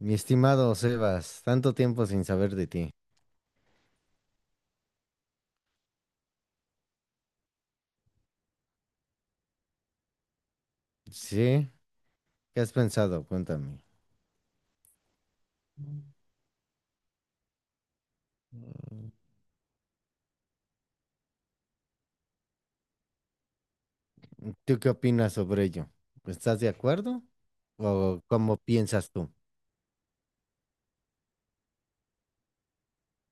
Mi estimado Sebas, tanto tiempo sin saber de ti. ¿Sí? ¿Qué has pensado? Cuéntame. Mm, ¿Tú qué opinas sobre ello? ¿Estás de acuerdo? ¿O cómo piensas tú?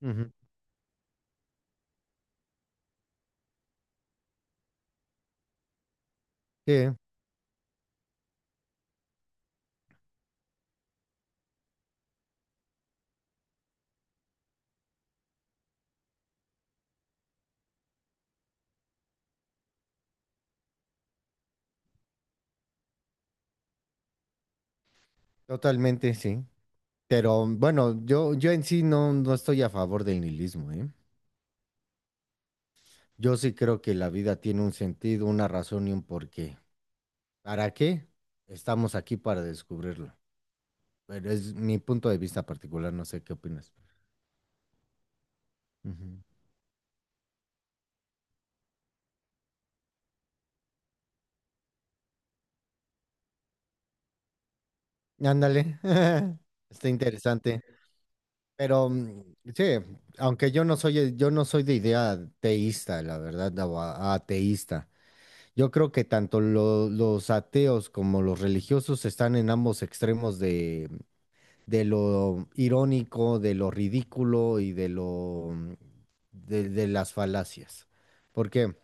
Ujú. Sí, totalmente, sí. Pero bueno, yo en sí no estoy a favor del nihilismo, ¿eh? Yo sí creo que la vida tiene un sentido, una razón y un porqué. ¿Para qué? Estamos aquí para descubrirlo. Pero es mi punto de vista particular, no sé qué opinas. Ujú. Ándale, está interesante. Pero sí, aunque yo no soy de idea teísta, la verdad, o ateísta. Yo creo que tanto los ateos como los religiosos están en ambos extremos de lo irónico, de lo ridículo y de lo de las falacias. ¿Por qué?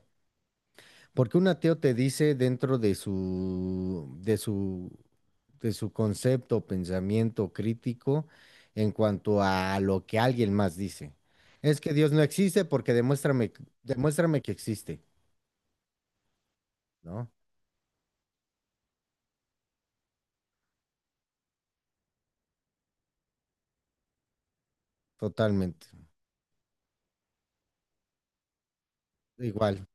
Porque un ateo te dice dentro de de su concepto, pensamiento crítico en cuanto a lo que alguien más dice. Es que Dios no existe porque demuéstrame que existe, ¿no? Totalmente. Igual.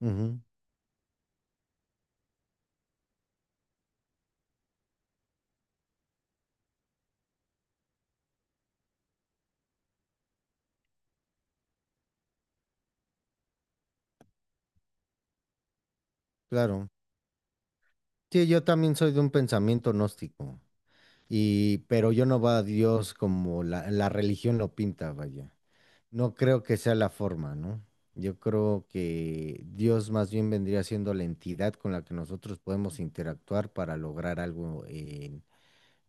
Ujú, claro. Sí, yo también soy de un pensamiento gnóstico. Y, pero yo no va a Dios como la religión lo pinta, vaya. No creo que sea la forma, ¿no? Yo creo que Dios más bien vendría siendo la entidad con la que nosotros podemos interactuar para lograr algo en,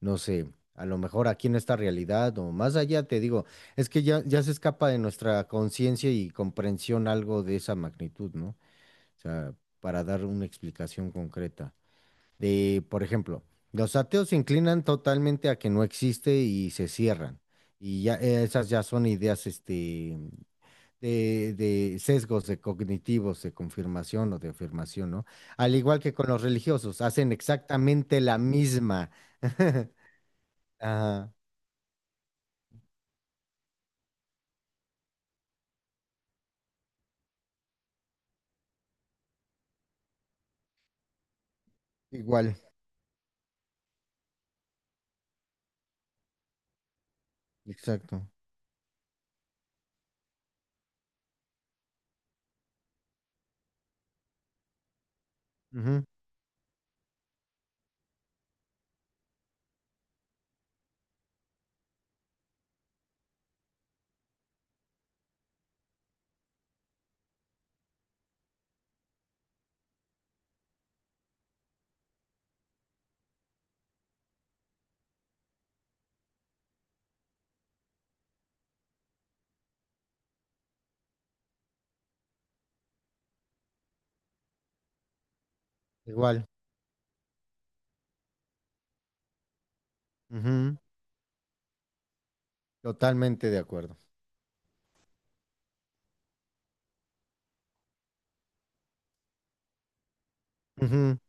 no sé, a lo mejor aquí en esta realidad o más allá, te digo, es que ya se escapa de nuestra conciencia y comprensión algo de esa magnitud, ¿no? O sea, para dar una explicación concreta. De, por ejemplo, los ateos se inclinan totalmente a que no existe y se cierran. Y ya esas ya son ideas, de sesgos de cognitivos de confirmación o de afirmación, ¿no? Al igual que con los religiosos, hacen exactamente la misma. Ajá, igual, exacto. Ujú, igual, ujú, totalmente de acuerdo. Ujú.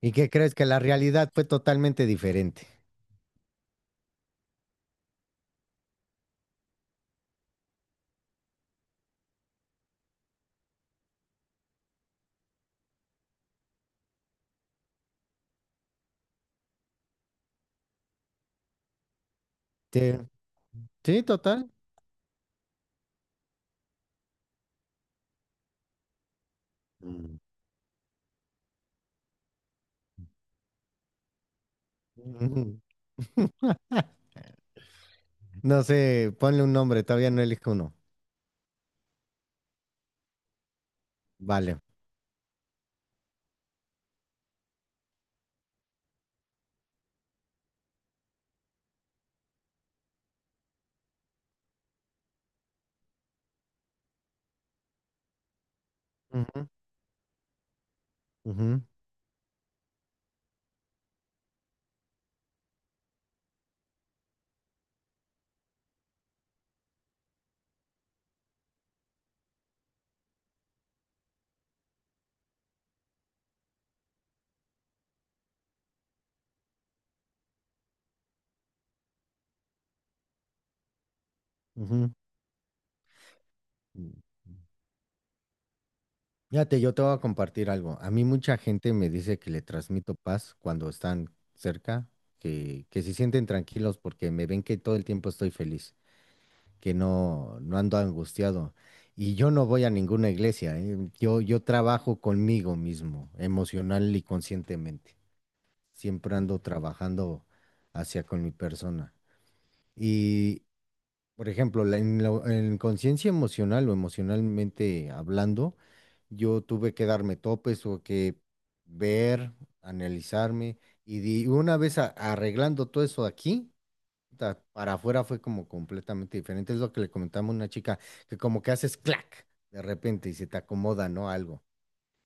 ¿Y qué crees? Que la realidad fue totalmente diferente. Sí, sí, total. Mm. Ujú. No sé, ponle un nombre, todavía no elijo uno. Vale. Ujú, ujú, ujú. Fíjate, yo te voy a compartir algo. A mí mucha gente me dice que le transmito paz cuando están cerca, que se sienten tranquilos porque me ven que todo el tiempo estoy feliz, que no, no ando angustiado. Y yo no voy a ninguna iglesia, ¿eh? Yo trabajo conmigo mismo, emocional y conscientemente. Siempre ando trabajando hacia con mi persona. Por ejemplo, en conciencia emocional o emocionalmente hablando, yo tuve que darme topes o que ver, analizarme y una vez arreglando todo eso aquí, para afuera fue como completamente diferente. Es lo que le comentamos a una chica que como que haces clac de repente y se te acomoda, ¿no? Algo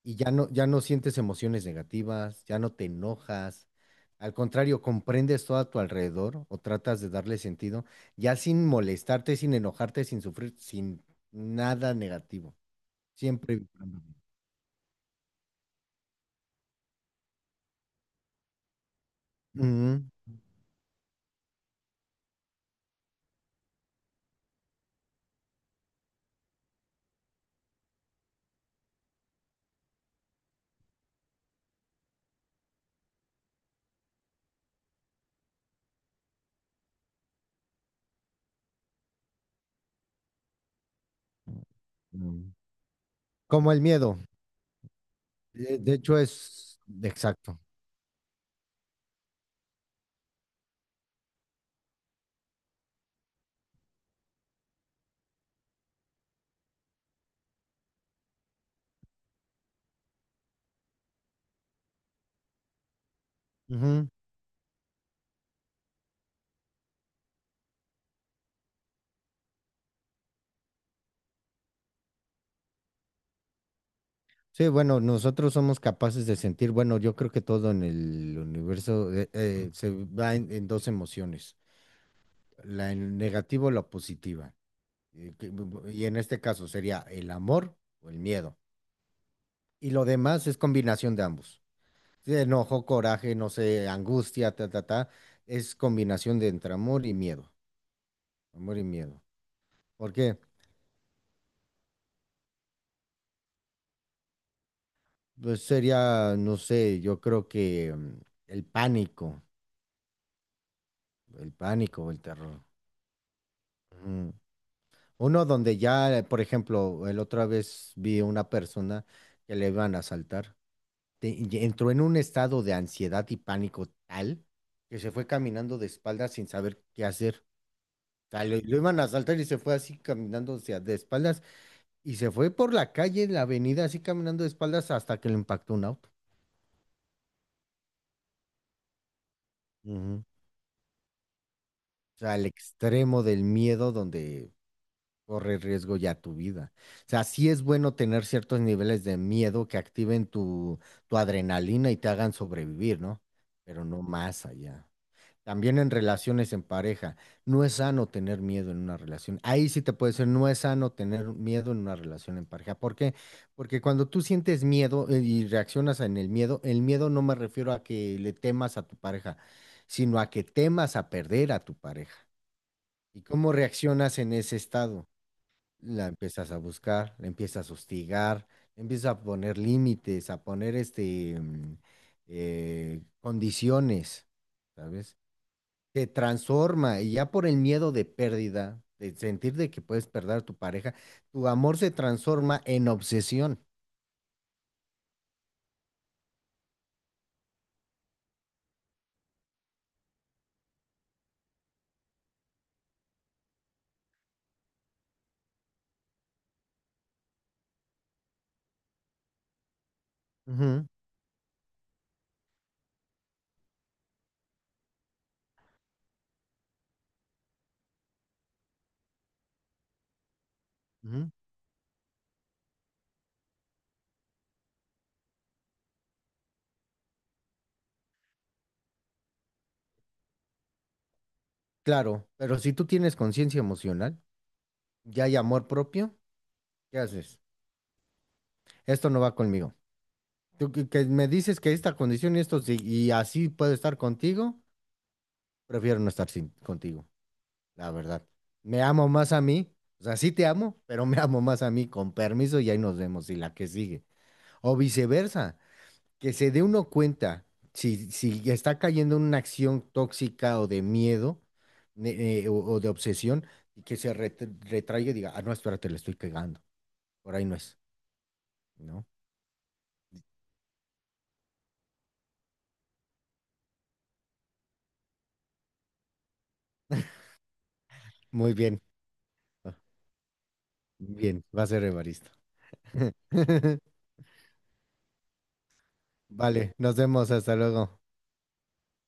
y ya no sientes emociones negativas, ya no te enojas. Al contrario, comprendes todo a tu alrededor o tratas de darle sentido, ya sin molestarte, sin enojarte, sin sufrir, sin nada negativo. Siempre evitando. Ujú, ujú. Como el miedo. De hecho, es exacto. Ujú. Sí, bueno, nosotros somos capaces de sentir, bueno, yo creo que todo en el universo se va en dos emociones, la en negativo, la positiva. eh, que- Y en este caso sería el amor o el miedo. Y lo demás es combinación de ambos. Sí, enojo, coraje, no sé, angustia, ta, ta, ta. Es combinación de entre amor y miedo. Amor y miedo. ¿Por qué? Pues sería, no sé, yo creo que el pánico, el pánico, el terror. Ujú. Uno donde ya, por ejemplo, el otra vez vi una persona que le iban a asaltar y entró en un estado de ansiedad y pánico tal que se fue caminando de espaldas sin saber qué hacer. O sea, lo iban a asaltar y se fue así caminando de espaldas y se fue por la calle, la avenida, así caminando de espaldas hasta que le impactó un auto. Ujú. O sea, al extremo del miedo donde corre riesgo ya tu vida. O sea, sí es bueno tener ciertos niveles de miedo que activen tu adrenalina y te hagan sobrevivir, ¿no? Pero no más allá. También en relaciones en pareja, no es sano tener miedo en una relación. Ahí sí te puede ser, no es sano tener miedo en una relación en pareja. ¿Por qué? Porque cuando tú sientes miedo y reaccionas en el miedo no me refiero a que le temas a tu pareja, sino a que temas a perder a tu pareja. ¿Y cómo reaccionas en ese estado? La empiezas a buscar, la empiezas a hostigar, le empiezas a poner límites, a poner condiciones, ¿sabes? Te transforma y ya por el miedo de pérdida, de sentir de que puedes perder a tu pareja, tu amor se transforma en obsesión. Ujú, ujú. Claro, pero si tú tienes conciencia emocional, ya hay amor propio, ¿qué haces? Esto no va conmigo. Tú que me dices que esta condición y esto sí, y así puedo estar contigo, prefiero no estar sin, contigo, la verdad. Me amo más a mí, o sea, sí te amo, pero me amo más a mí, con permiso y ahí nos vemos y la que sigue. O viceversa. Que se dé uno cuenta si está cayendo en una acción tóxica o de miedo o de obsesión y que se retraiga y diga, ah, no, espérate, le estoy cagando, por ahí no es, ¿no? Muy bien, ah, bien, va a ser Evaristo. Vale, nos vemos, hasta luego.